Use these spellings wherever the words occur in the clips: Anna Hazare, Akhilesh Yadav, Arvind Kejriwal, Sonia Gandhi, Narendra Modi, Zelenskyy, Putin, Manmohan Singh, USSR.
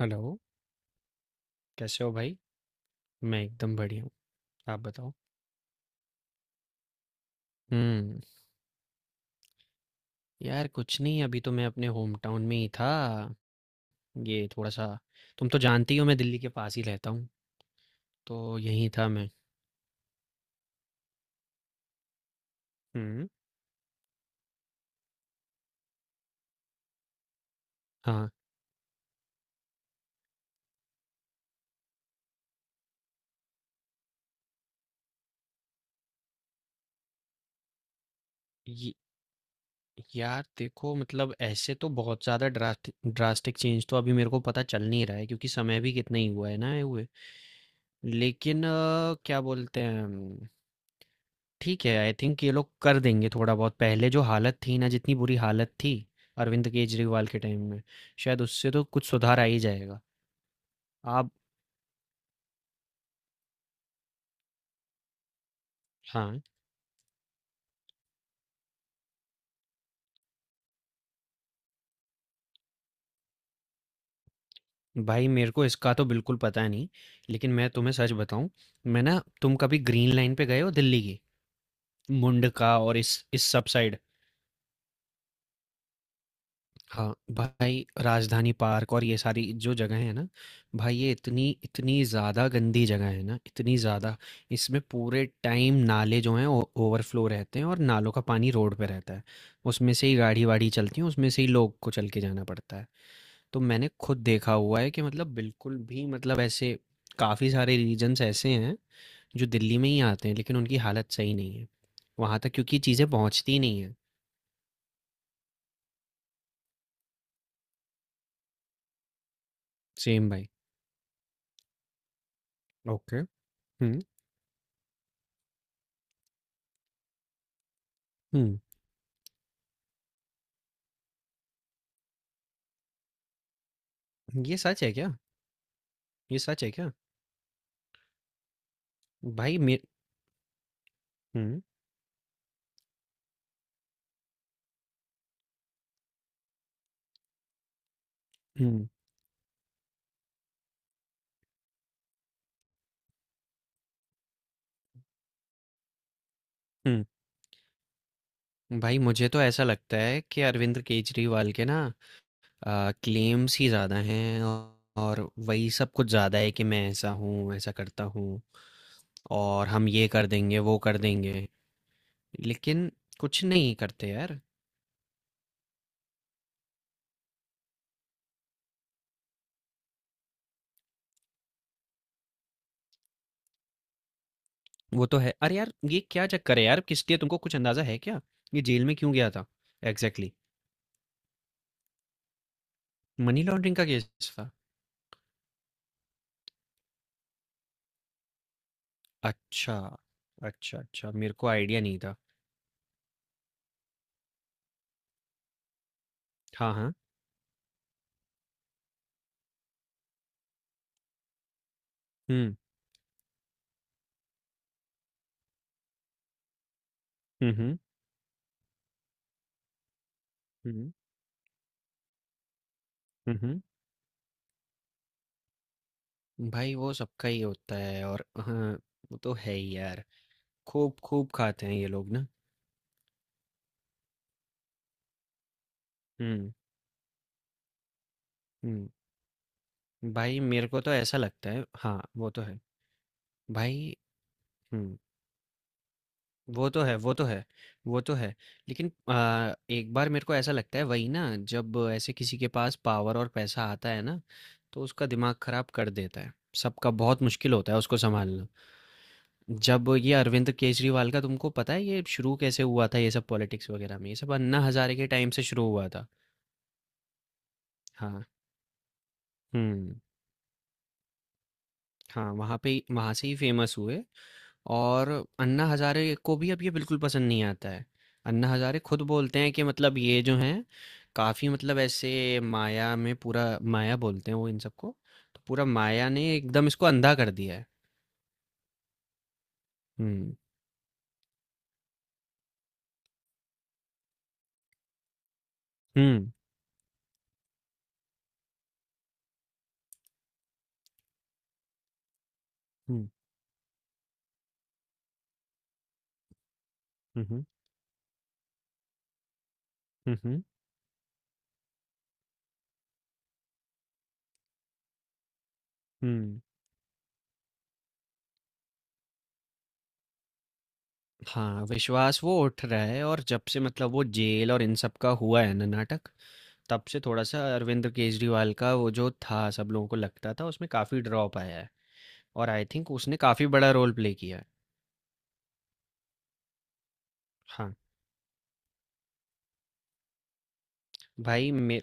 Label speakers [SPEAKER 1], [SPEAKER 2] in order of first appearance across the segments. [SPEAKER 1] Hello, कैसे हो भाई? मैं एकदम बढ़िया हूँ, आप बताओ? हुँ, यार कुछ नहीं अभी तो मैं अपने होम टाउन में ही था। ये थोड़ा-सा तुम तो जानती ही हो मैं दिल्ली के पास ही रहता हूँ, तो यहीं था मैं। हुँ। हाँ। ये यार देखो मतलब ऐसे तो बहुत ज़्यादा ड्रास्टिक चेंज तो अभी मेरे को पता चल नहीं रहा है क्योंकि समय भी कितना ही हुआ है ना ये हुए। लेकिन क्या बोलते हैं ठीक है, आई थिंक ये लोग कर देंगे थोड़ा बहुत। पहले जो हालत थी ना, जितनी बुरी हालत थी अरविंद केजरीवाल के टाइम में, शायद उससे तो कुछ सुधार आ ही जाएगा। आप हाँ। भाई मेरे को इसका तो बिल्कुल पता नहीं, लेकिन मैं तुम्हें सच बताऊँ, मैं ना तुम कभी ग्रीन लाइन पे गए हो दिल्ली की? मुंडका और इस सब साइड। हाँ, भाई राजधानी पार्क और ये सारी जो जगह है ना, भाई ये इतनी इतनी ज़्यादा गंदी जगह है ना, इतनी ज़्यादा इसमें पूरे टाइम नाले जो हैं ओवरफ्लो रहते हैं और नालों का पानी रोड पे रहता है, उसमें से ही गाड़ी वाड़ी चलती है, उसमें से ही लोग को चल के जाना पड़ता है। तो मैंने खुद देखा हुआ है कि मतलब बिल्कुल भी मतलब ऐसे काफ़ी सारे रीजन्स ऐसे हैं जो दिल्ली में ही आते हैं लेकिन उनकी हालत सही नहीं है वहाँ तक क्योंकि चीज़ें पहुँचती ही नहीं है। सेम भाई। ओके। हम्म। हम्म। ये सच है क्या? ये सच है क्या? भाई मे हुँ। हुँ। हुँ। भाई मुझे तो ऐसा लगता है कि अरविंद केजरीवाल के ना क्लेम्स ही ज़्यादा हैं और और वही सब कुछ ज़्यादा है कि मैं ऐसा हूँ, ऐसा करता हूँ और हम ये कर देंगे, वो कर देंगे। लेकिन कुछ नहीं करते यार। वो तो है। अरे यार, ये क्या चक्कर है यार? किसलिए तुमको कुछ अंदाज़ा है क्या? ये जेल में क्यों गया था? एग्ज़ैक्टली। मनी लॉन्ड्रिंग का केस था? अच्छा। अच्छा, अच्छा। मेरे को आईडिया नहीं था। हाँ, हाँ। हुँ। हुँ। हुँ। हुँ, हुँ, हुँ। भाई वो सबका ही होता है और हाँ, वो तो है ही यार। खूब, खूब खाते हैं ये लोग ना। हुँ, हुँ। भाई मेरे को तो ऐसा लगता है हाँ, वो तो है। भाई हुँ। वो तो है, वो तो है, वो तो है। लेकिन एक बार मेरे को ऐसा लगता है वही ना, जब ऐसे किसी के पास पावर और पैसा आता है ना, तो उसका दिमाग खराब कर देता है। सबका बहुत मुश्किल होता है उसको सँभालना। जब ये अरविंद केजरीवाल का तुमको पता है ये शुरू कैसे हुआ था ये सब पॉलिटिक्स वगैरह में ये सब अन्ना हजारे के टाइम से शुरू हुआ था। हाँ। हम्म। हाँ, वहाँ से ही फेमस हुए और अन्ना हजारे को भी अब ये बिल्कुल पसंद नहीं आता है। अन्ना हजारे खुद बोलते हैं कि मतलब ये जो हैं काफ़ी मतलब ऐसे माया में पूरा माया बोलते हैं वो इन सबको, तो पूरा माया ने एकदम इसको अंधा कर दिया है। हम्म। हम्म। हम्म। हम्म। हम्म। हम्म। हम्म। हाँ, विश्वास वो उठ रहा है और जब से मतलब वो जेल और इन सब का हुआ है ना नाटक, तब से थोड़ा सा अरविंद केजरीवाल का वो जो था सब लोगों को लगता था उसमें काफी ड्रॉप आया है और आई थिंक उसने काफी बड़ा रोल प्ले किया है। हाँ। भाई मे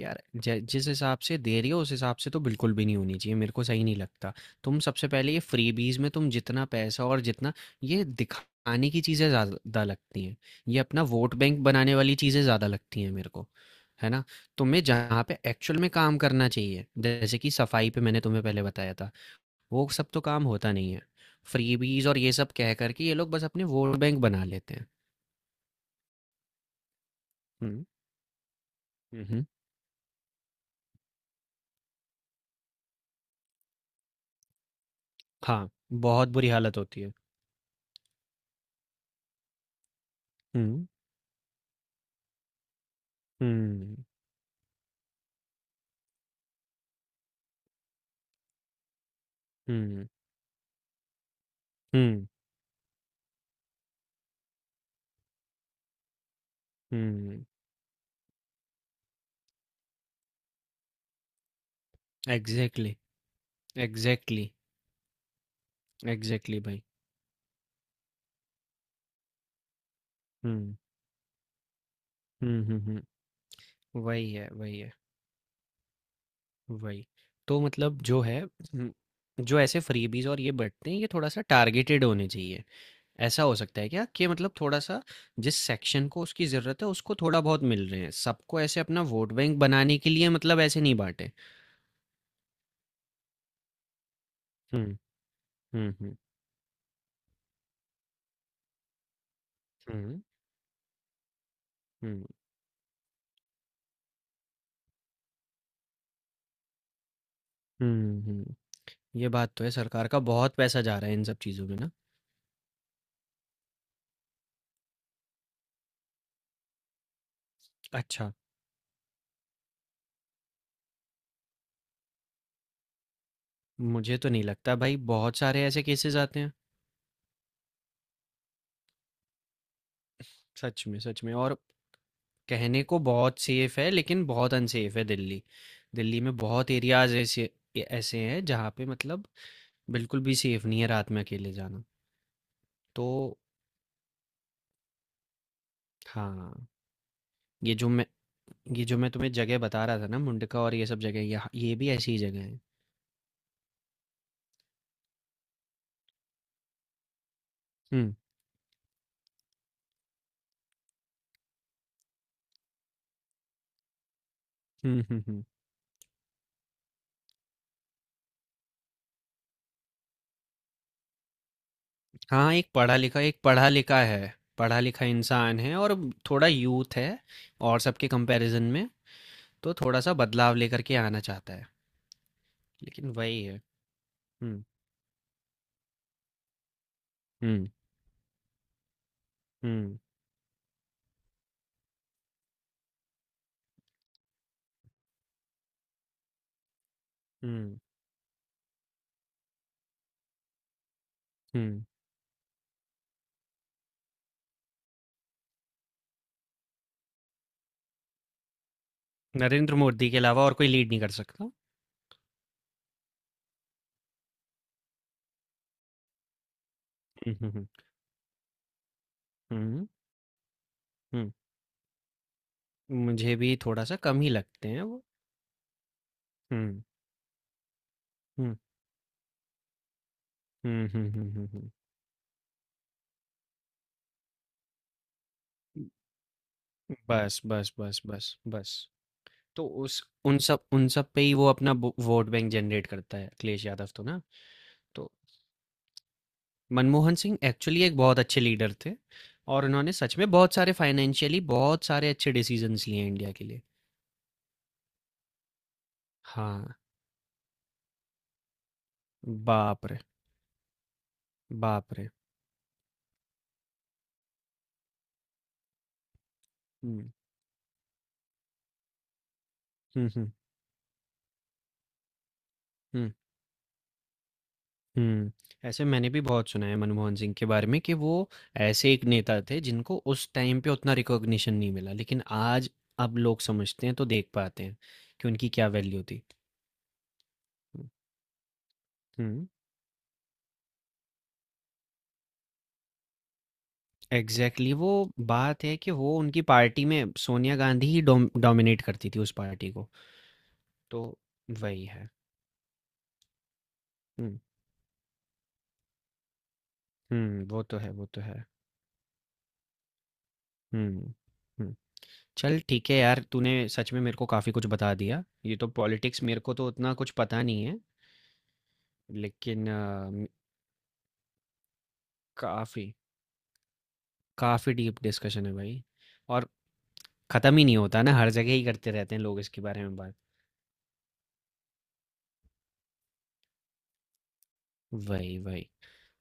[SPEAKER 1] यार जिस हिसाब से दे रही हो उस हिसाब से तो बिल्कुल भी नहीं होनी चाहिए, मेरे को सही नहीं लगता। तुम सबसे पहले ये फ्रीबीज में तुम जितना पैसा और जितना ये दिखाने की चीज़ें ज़्यादा लगती हैं, ये अपना वोट बैंक बनाने वाली चीज़ें ज़्यादा लगती हैं मेरे को, है ना? तुम्हें जहाँ पे एक्चुअल में काम करना चाहिए जैसे कि सफाई पे मैंने तुम्हें पहले बताया था, वो सब तो काम होता नहीं है। फ्रीबीज और ये सब कह करके ये लोग बस अपने वोट बैंक बना लेते हैं। हम्म। हम्म। हाँ, बहुत बुरी हालत होती है। हम्म। हम्म। हम्म। हुँ, हुँ। एग्ज़ैक्टली, एग्ज़ैक्टली, एग्ज़ैक्टली भाई। हुँ, हुँ, हुँ, हुँ। वही है, वही है, वही। तो मतलब जो है हुँ, जो ऐसे फ्रीबीज़ और ये बँटते हैं, ये थोड़ा-सा टारगेटेड होने चाहिए। ऐसा हो सकता है क्या कि मतलब थोड़ा-सा जिस सेक्शन को उसकी ज़रूरत है, उसको थोड़ा बहुत मिल रहे हैं। सबको ऐसे अपना वोट बैंक बनाने के लिए मतलब ऐसे नहीं बाँटे। हुँ, हुँ, हुँ। हुँ, हुँ। हुँ, हुँ। ये बात तो है, सरकार का बहुत पैसा जा रहा है इन सब चीज़ों में ना? अच्छा। मुझे तो नहीं लगता भाई, बहुत सारे ऐसे केसेस आते हैं। सच में, सच में। और कहने को बहुत सेफ है लेकिन बहुत अनसेफ है दिल्ली। दिल्ली में बहुत एरियाज ऐसे ऐसे हैं जहाँ पे मतलब बिल्कुल भी सेफ नहीं है रात में अकेले जाना। तो हाँ। ये जो मैं ये जो मैं तुम्हें जगह बता रहा था ना मुंडका और ये सब जगह, ये भी ऐसी ही जगह है। हम्म। हम्म। हम्म। हम्म। हाँ, एक पढ़ा लिखा है पढ़ा लिखा इंसान है और थोड़ा यूथ है और सबके कंपैरिजन में तो थोड़ा-सा बदलाव लेकर के आना चाहता है, लेकिन वही है। हुँ, हुँ, हुँ, हुँ, हुँ। नरेंद्र मोदी के अलावा और कोई लीड नहीं कर सकता। हुँ, हुँ, हुँ, हुँ, हुँ। मुझे भी थोड़ा-सा कम ही लगते हैं वो। हुँ, हुँ, हुँ, हुँ, हुँ, हुँ, हुँ। बस, बस, बस, बस, बस। तो उस उन सब पे ही वो अपना बो वोट बैंक जनरेट करता है, अखिलेश यादव तो ना। तो मनमोहन सिंह एक्चुअली एक बहुत अच्छे लीडर थे और उन्होंने सच में बहुत सारे फाइनेंशियली बहुत सारे अच्छे डिसीजंस लिए हैं इंडिया के लिए। हाँ, बाप रे! बाप रे! हुँ, हुँ, हुँ, हुँ, हुँ। ऐसे मैंने भी बहुत सुना है मनमोहन सिंह के बारे में कि वो ऐसे एक नेता थे जिनको उस टाइम पे उतना रिकॉग्निशन नहीं मिला, लेकिन आज अब लोग समझते हैं तो देख पाते हैं कि उनकी क्या वैल्यू थी। हुँ, हुँ, एग्ज़ैक्टली। वो बात है कि वो उनकी पार्टी में सोनिया गांधी ही डोमिनेट करती थी उस पार्टी को, तो वही है। हुँ, हुँ, वो तो है, वो तो है। हुँ, हुँ। चल ठीक है यार, तूने सच में मेरे को काफ़ी कुछ बता दिया। ये तो पॉलिटिक्स मेरे को तो उतना कुछ पता नहीं है, लेकिन काफ़ी काफ़ी डीप डिस्कशन है भाई। और ख़त्म ही नहीं होता ना, हर जगह ही करते रहते हैं लोग इसके बारे में बात। वही, वही।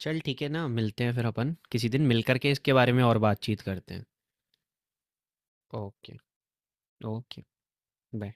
[SPEAKER 1] चल ठीक है, ना मिलते हैं फिर अपन, किसी दिन मिल करके इसके बारे में और बातचीत करते हैं। ओके। ओके। बाय।